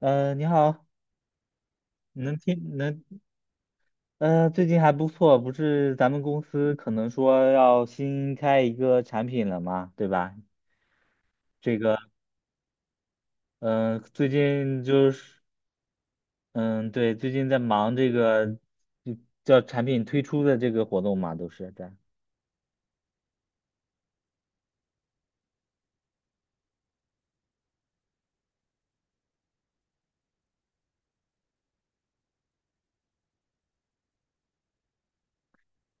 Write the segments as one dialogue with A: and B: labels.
A: 嗯，你好，你能听能，最近还不错，不是咱们公司可能说要新开一个产品了嘛，对吧？这个，嗯，最近就是，嗯，对，最近在忙这个，就叫产品推出的这个活动嘛，都是在。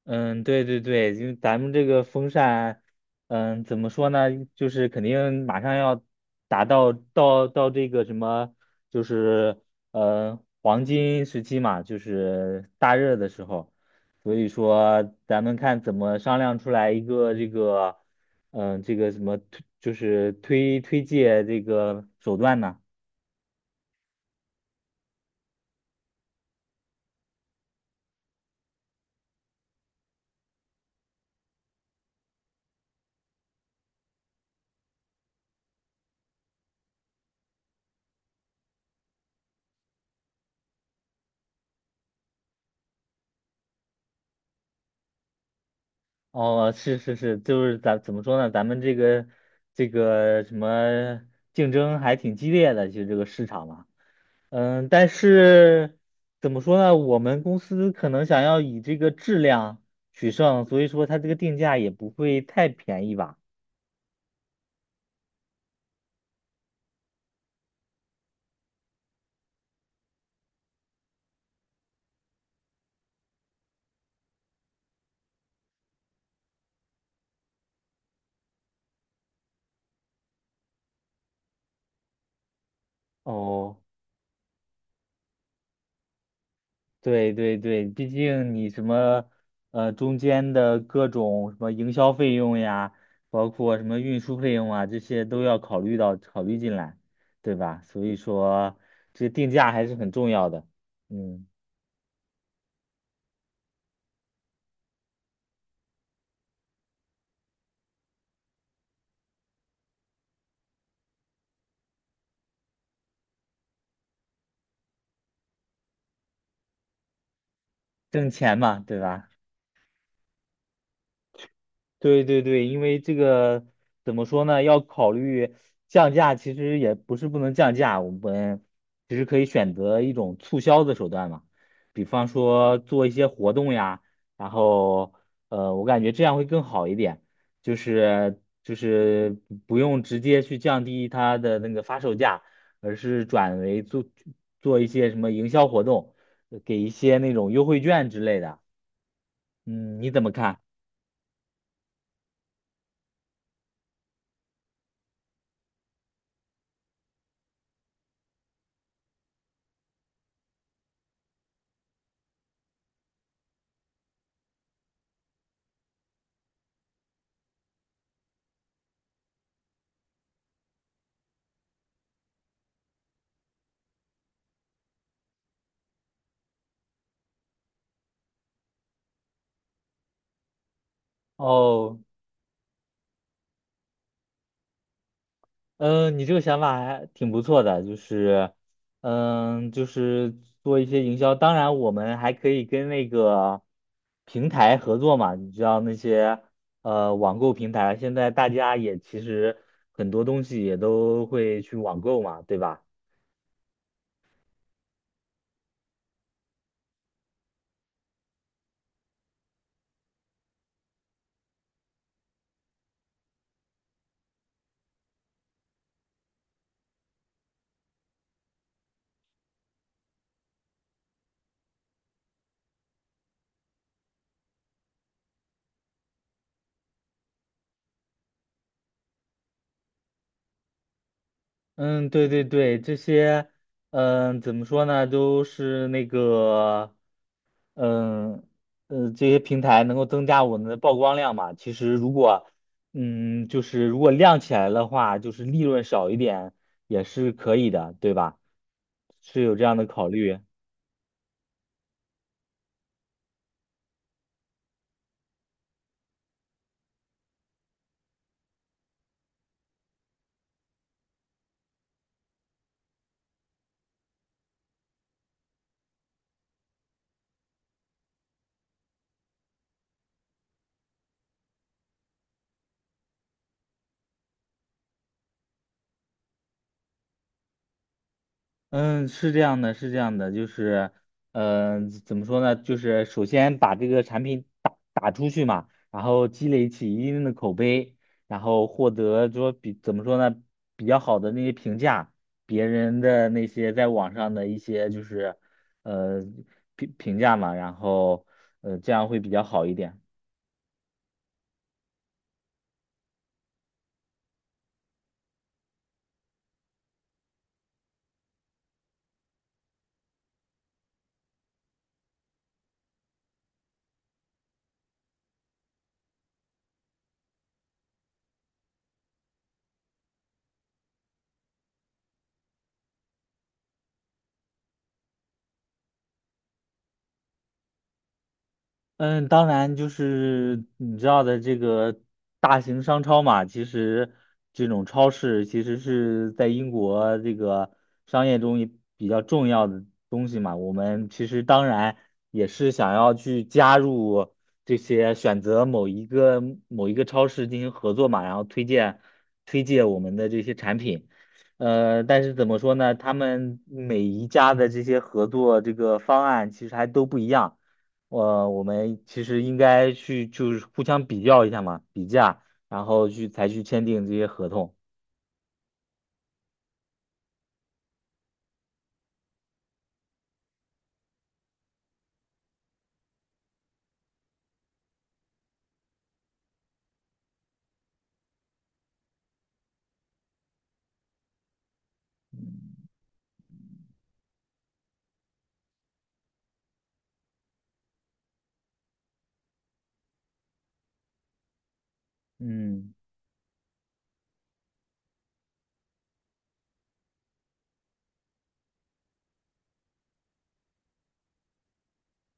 A: 嗯，对对对，因为咱们这个风扇，嗯，怎么说呢？就是肯定马上要达到这个什么，就是黄金时期嘛，就是大热的时候，所以说咱们看怎么商量出来一个这个，这个什么推，就是推介这个手段呢？哦，是是是，就是咱怎么说呢？咱们这个这个什么竞争还挺激烈的，就这个市场嘛。嗯，但是怎么说呢？我们公司可能想要以这个质量取胜，所以说它这个定价也不会太便宜吧？哦。对对对，毕竟你什么中间的各种什么营销费用呀，包括什么运输费用啊，这些都要考虑到考虑进来，对吧？所以说这定价还是很重要的，嗯，挣钱嘛，对吧？对对对，因为这个怎么说呢？要考虑降价，其实也不是不能降价，我们其实可以选择一种促销的手段嘛，比方说做一些活动呀，然后我感觉这样会更好一点，就是不用直接去降低它的那个发售价，而是转为做一些什么营销活动，给一些那种优惠券之类的。嗯，你怎么看？哦。嗯，你这个想法还挺不错的，就是，嗯，就是做一些营销。当然，我们还可以跟那个平台合作嘛。你知道那些网购平台，现在大家也其实很多东西也都会去网购嘛，对吧？嗯，对对对，这些，嗯，怎么说呢，都是那个，嗯，这些平台能够增加我们的曝光量嘛。其实如果，嗯，就是如果亮起来的话，就是利润少一点也是可以的，对吧？是有这样的考虑。嗯，是这样的，是这样的，就是，怎么说呢？就是首先把这个产品打出去嘛，然后积累起一定的口碑，然后获得说比怎么说呢，比较好的那些评价，别人的那些在网上的一些就是，呃，评价嘛，然后，这样会比较好一点。嗯，当然就是你知道的这个大型商超嘛，其实这种超市其实是在英国这个商业中也比较重要的东西嘛。我们其实当然也是想要去加入这些选择某一个超市进行合作嘛，然后推荐我们的这些产品。呃，但是怎么说呢？他们每一家的这些合作这个方案其实还都不一样。我们其实应该去就是互相比较一下嘛，比价，然后去签订这些合同。嗯。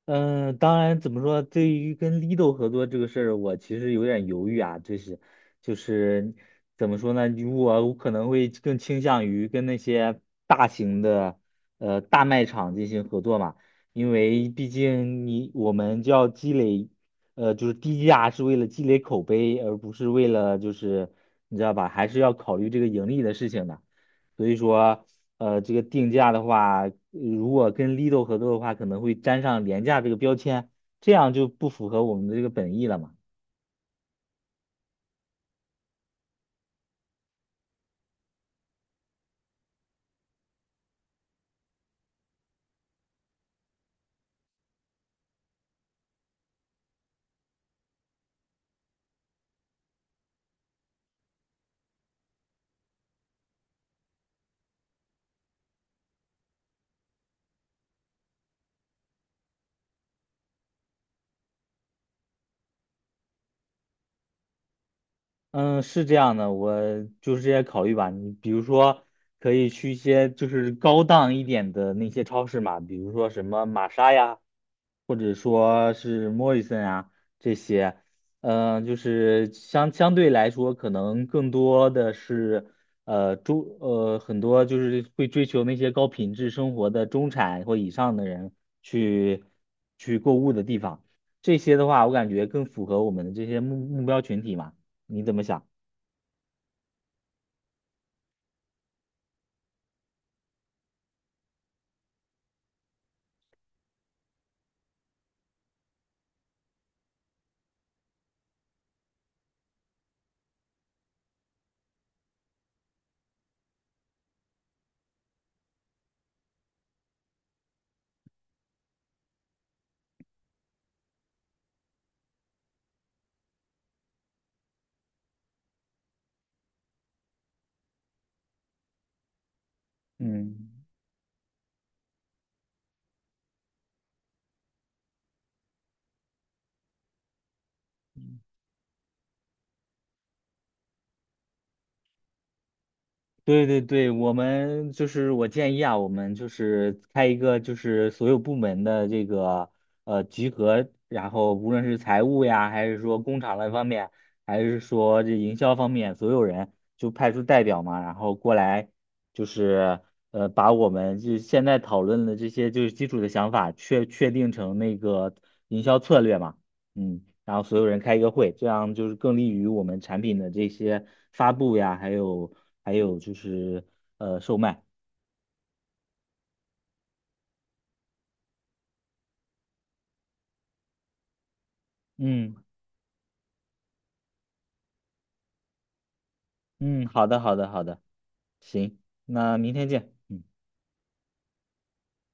A: 嗯，当然，怎么说？对于跟 Lido 合作这个事儿，我其实有点犹豫啊。就是，就是怎么说呢？如果我可能会更倾向于跟那些大型的大卖场进行合作嘛，因为毕竟你我们就要积累，就是低价是为了积累口碑，而不是为了就是你知道吧，还是要考虑这个盈利的事情的。所以说，这个定价的话，如果跟 Lido 合作的话，可能会沾上廉价这个标签，这样就不符合我们的这个本意了嘛。嗯，是这样的，我就是这些考虑吧。你比如说，可以去一些就是高档一点的那些超市嘛，比如说什么玛莎呀。或者说是莫里森啊这些，嗯，就是相对来说，可能更多的是呃中呃很多就是会追求那些高品质生活的中产或以上的人去购物的地方，这些的话，我感觉更符合我们的这些目标群体嘛，你怎么想？嗯。对对对，我们就是我建议啊，我们就是开一个就是所有部门的这个集合，然后无论是财务呀，还是说工厂那方面，还是说这营销方面，所有人就派出代表嘛，然后过来就是把我们就现在讨论的这些就是基础的想法确定成那个营销策略嘛。嗯，然后所有人开一个会，这样就是更利于我们产品的这些发布呀，还有就是售卖。嗯嗯，好的好的好的，行，那明天见。嗯。